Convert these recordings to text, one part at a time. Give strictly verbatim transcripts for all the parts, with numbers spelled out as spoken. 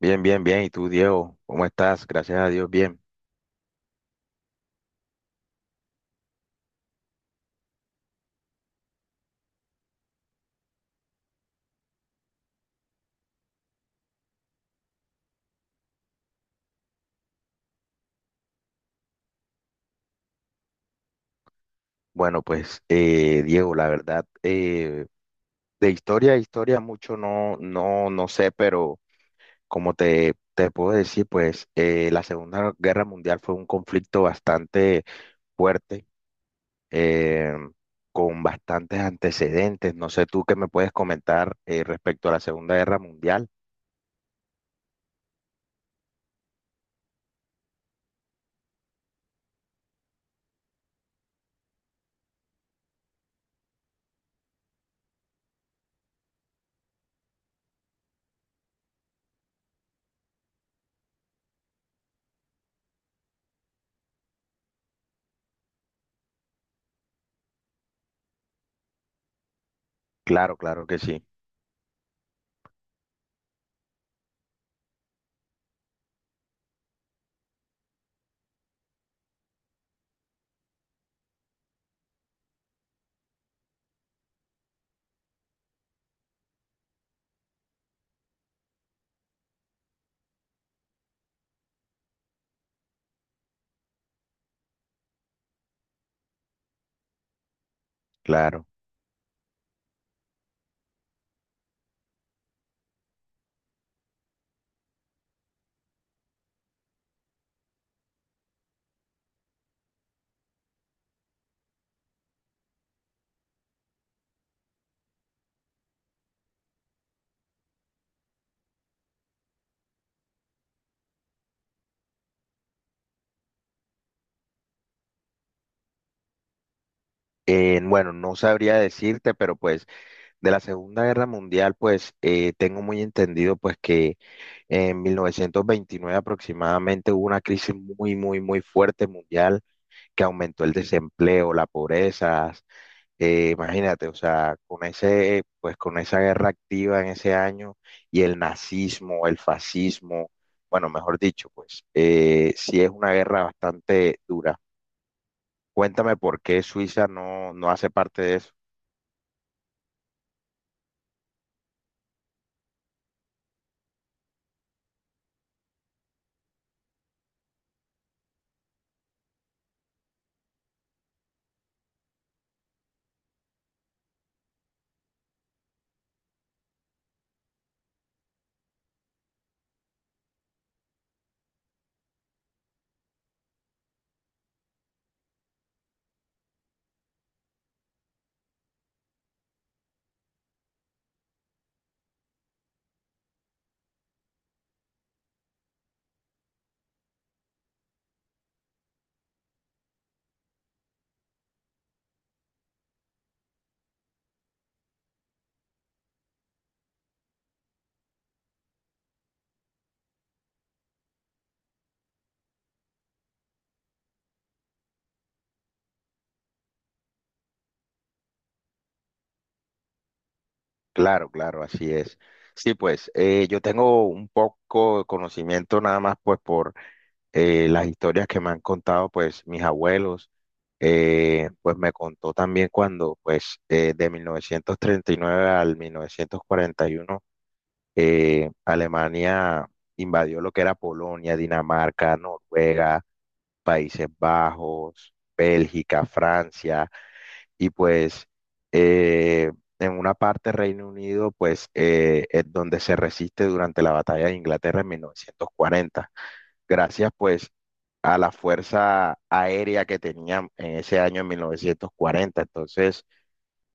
Bien, bien, bien. ¿Y tú, Diego? ¿Cómo estás? Gracias a Dios, bien. Bueno, pues, eh, Diego, la verdad, eh, de historia a historia mucho no, no, no sé, pero como te, te puedo decir, pues, eh, la Segunda Guerra Mundial fue un conflicto bastante fuerte, eh, con bastantes antecedentes. No sé tú qué me puedes comentar, eh, respecto a la Segunda Guerra Mundial. Claro, claro que sí, claro. Eh, bueno, no sabría decirte, pero pues, de la Segunda Guerra Mundial, pues eh, tengo muy entendido pues que en mil novecientos veintinueve aproximadamente hubo una crisis muy, muy, muy fuerte mundial que aumentó el desempleo, la pobreza. Eh, imagínate, o sea, con ese, pues con esa guerra activa en ese año y el nazismo, el fascismo, bueno, mejor dicho, pues eh, sí es una guerra bastante dura. Cuéntame por qué Suiza no, no hace parte de eso. Claro, claro, así es. Sí, pues eh, yo tengo un poco de conocimiento nada más pues por eh, las historias que me han contado pues mis abuelos. Eh, pues me contó también cuando pues eh, de mil novecientos treinta y nueve al mil novecientos cuarenta y uno eh, Alemania invadió lo que era Polonia, Dinamarca, Noruega, Países Bajos, Bélgica, Francia y pues eh, en una parte Reino Unido pues eh, es donde se resiste durante la batalla de Inglaterra en mil novecientos cuarenta, gracias pues a la fuerza aérea que tenían en ese año en mil novecientos cuarenta. Entonces,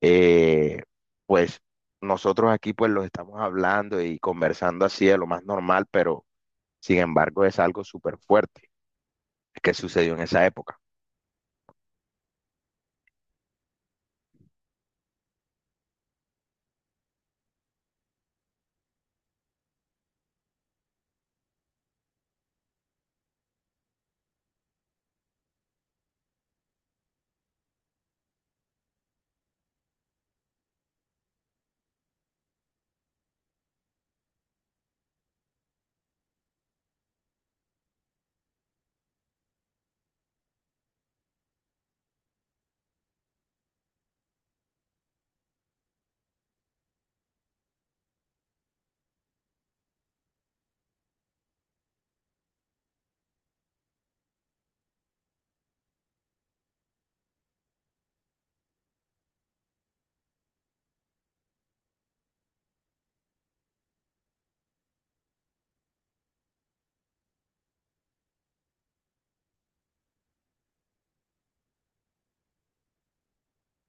eh, pues nosotros aquí pues los estamos hablando y conversando así de lo más normal, pero sin embargo es algo súper fuerte que sucedió en esa época.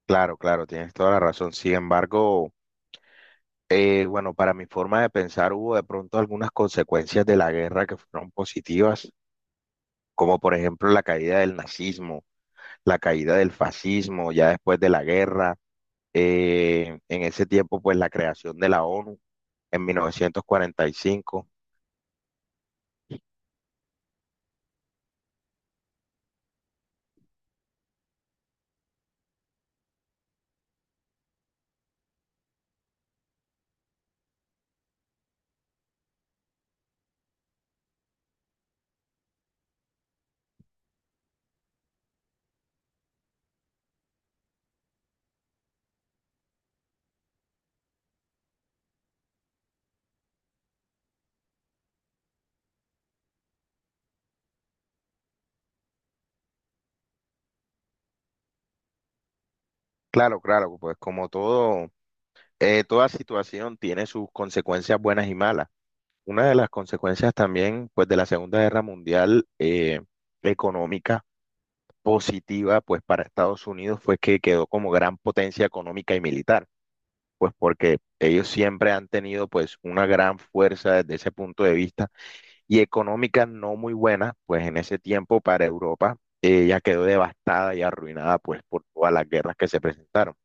Claro, claro, tienes toda la razón. Sin embargo, Eh, bueno, para mi forma de pensar hubo de pronto algunas consecuencias de la guerra que fueron positivas, como por ejemplo la caída del nazismo, la caída del fascismo ya después de la guerra, eh, en ese tiempo pues la creación de la ONU en mil novecientos cuarenta y cinco. Claro, claro, pues como todo, eh, toda situación tiene sus consecuencias buenas y malas. Una de las consecuencias también pues de la Segunda Guerra Mundial económicas positiva pues para Estados Unidos fue que quedó como gran potencia económica y militar, pues porque ellos siempre han tenido pues una gran fuerza desde ese punto de vista y económica no muy buena, pues en ese tiempo para Europa eh, ya quedó devastada y arruinada pues por todas las guerras que se presentaron.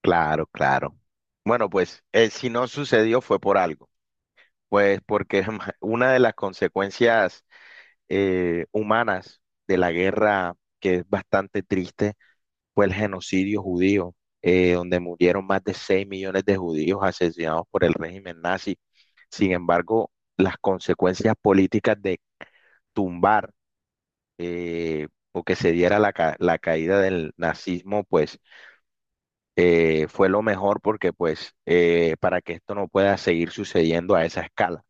Claro, claro. Bueno, pues eh, si no sucedió fue por algo, pues porque una de las consecuencias eh, humanas de la guerra, que es bastante triste, fue el genocidio judío, eh, donde murieron más de seis millones de judíos asesinados por el régimen nazi. Sin embargo, las consecuencias políticas de tumbar eh, o que se diera la, ca- la caída del nazismo, pues eh, fue lo mejor porque pues eh, para que esto no pueda seguir sucediendo a esa escala.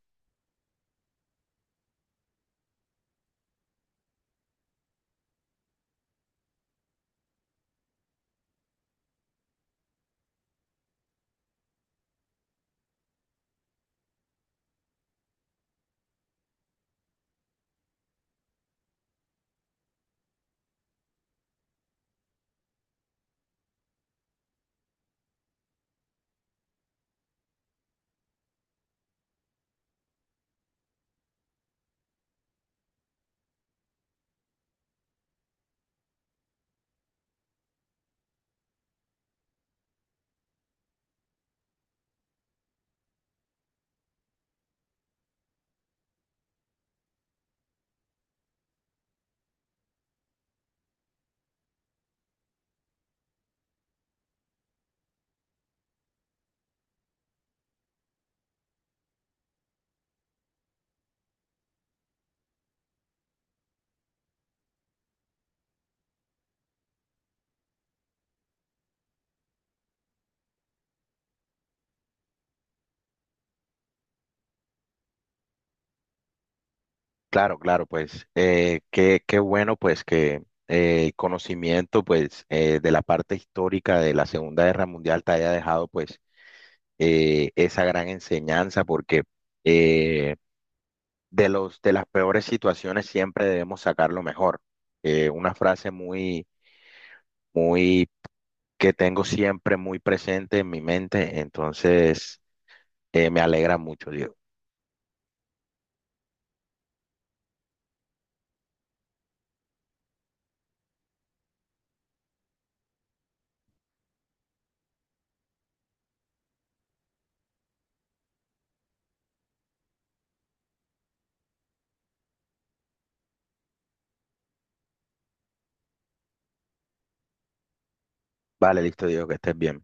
Claro, claro, pues eh, qué, qué bueno pues que eh, conocimiento pues eh, de la parte histórica de la Segunda Guerra Mundial te haya dejado pues eh, esa gran enseñanza porque eh, de los, de las peores situaciones siempre debemos sacar lo mejor. Eh, una frase muy, muy que tengo siempre muy presente en mi mente, entonces eh, me alegra mucho, Dios. Vale, listo, Dios, que estés bien.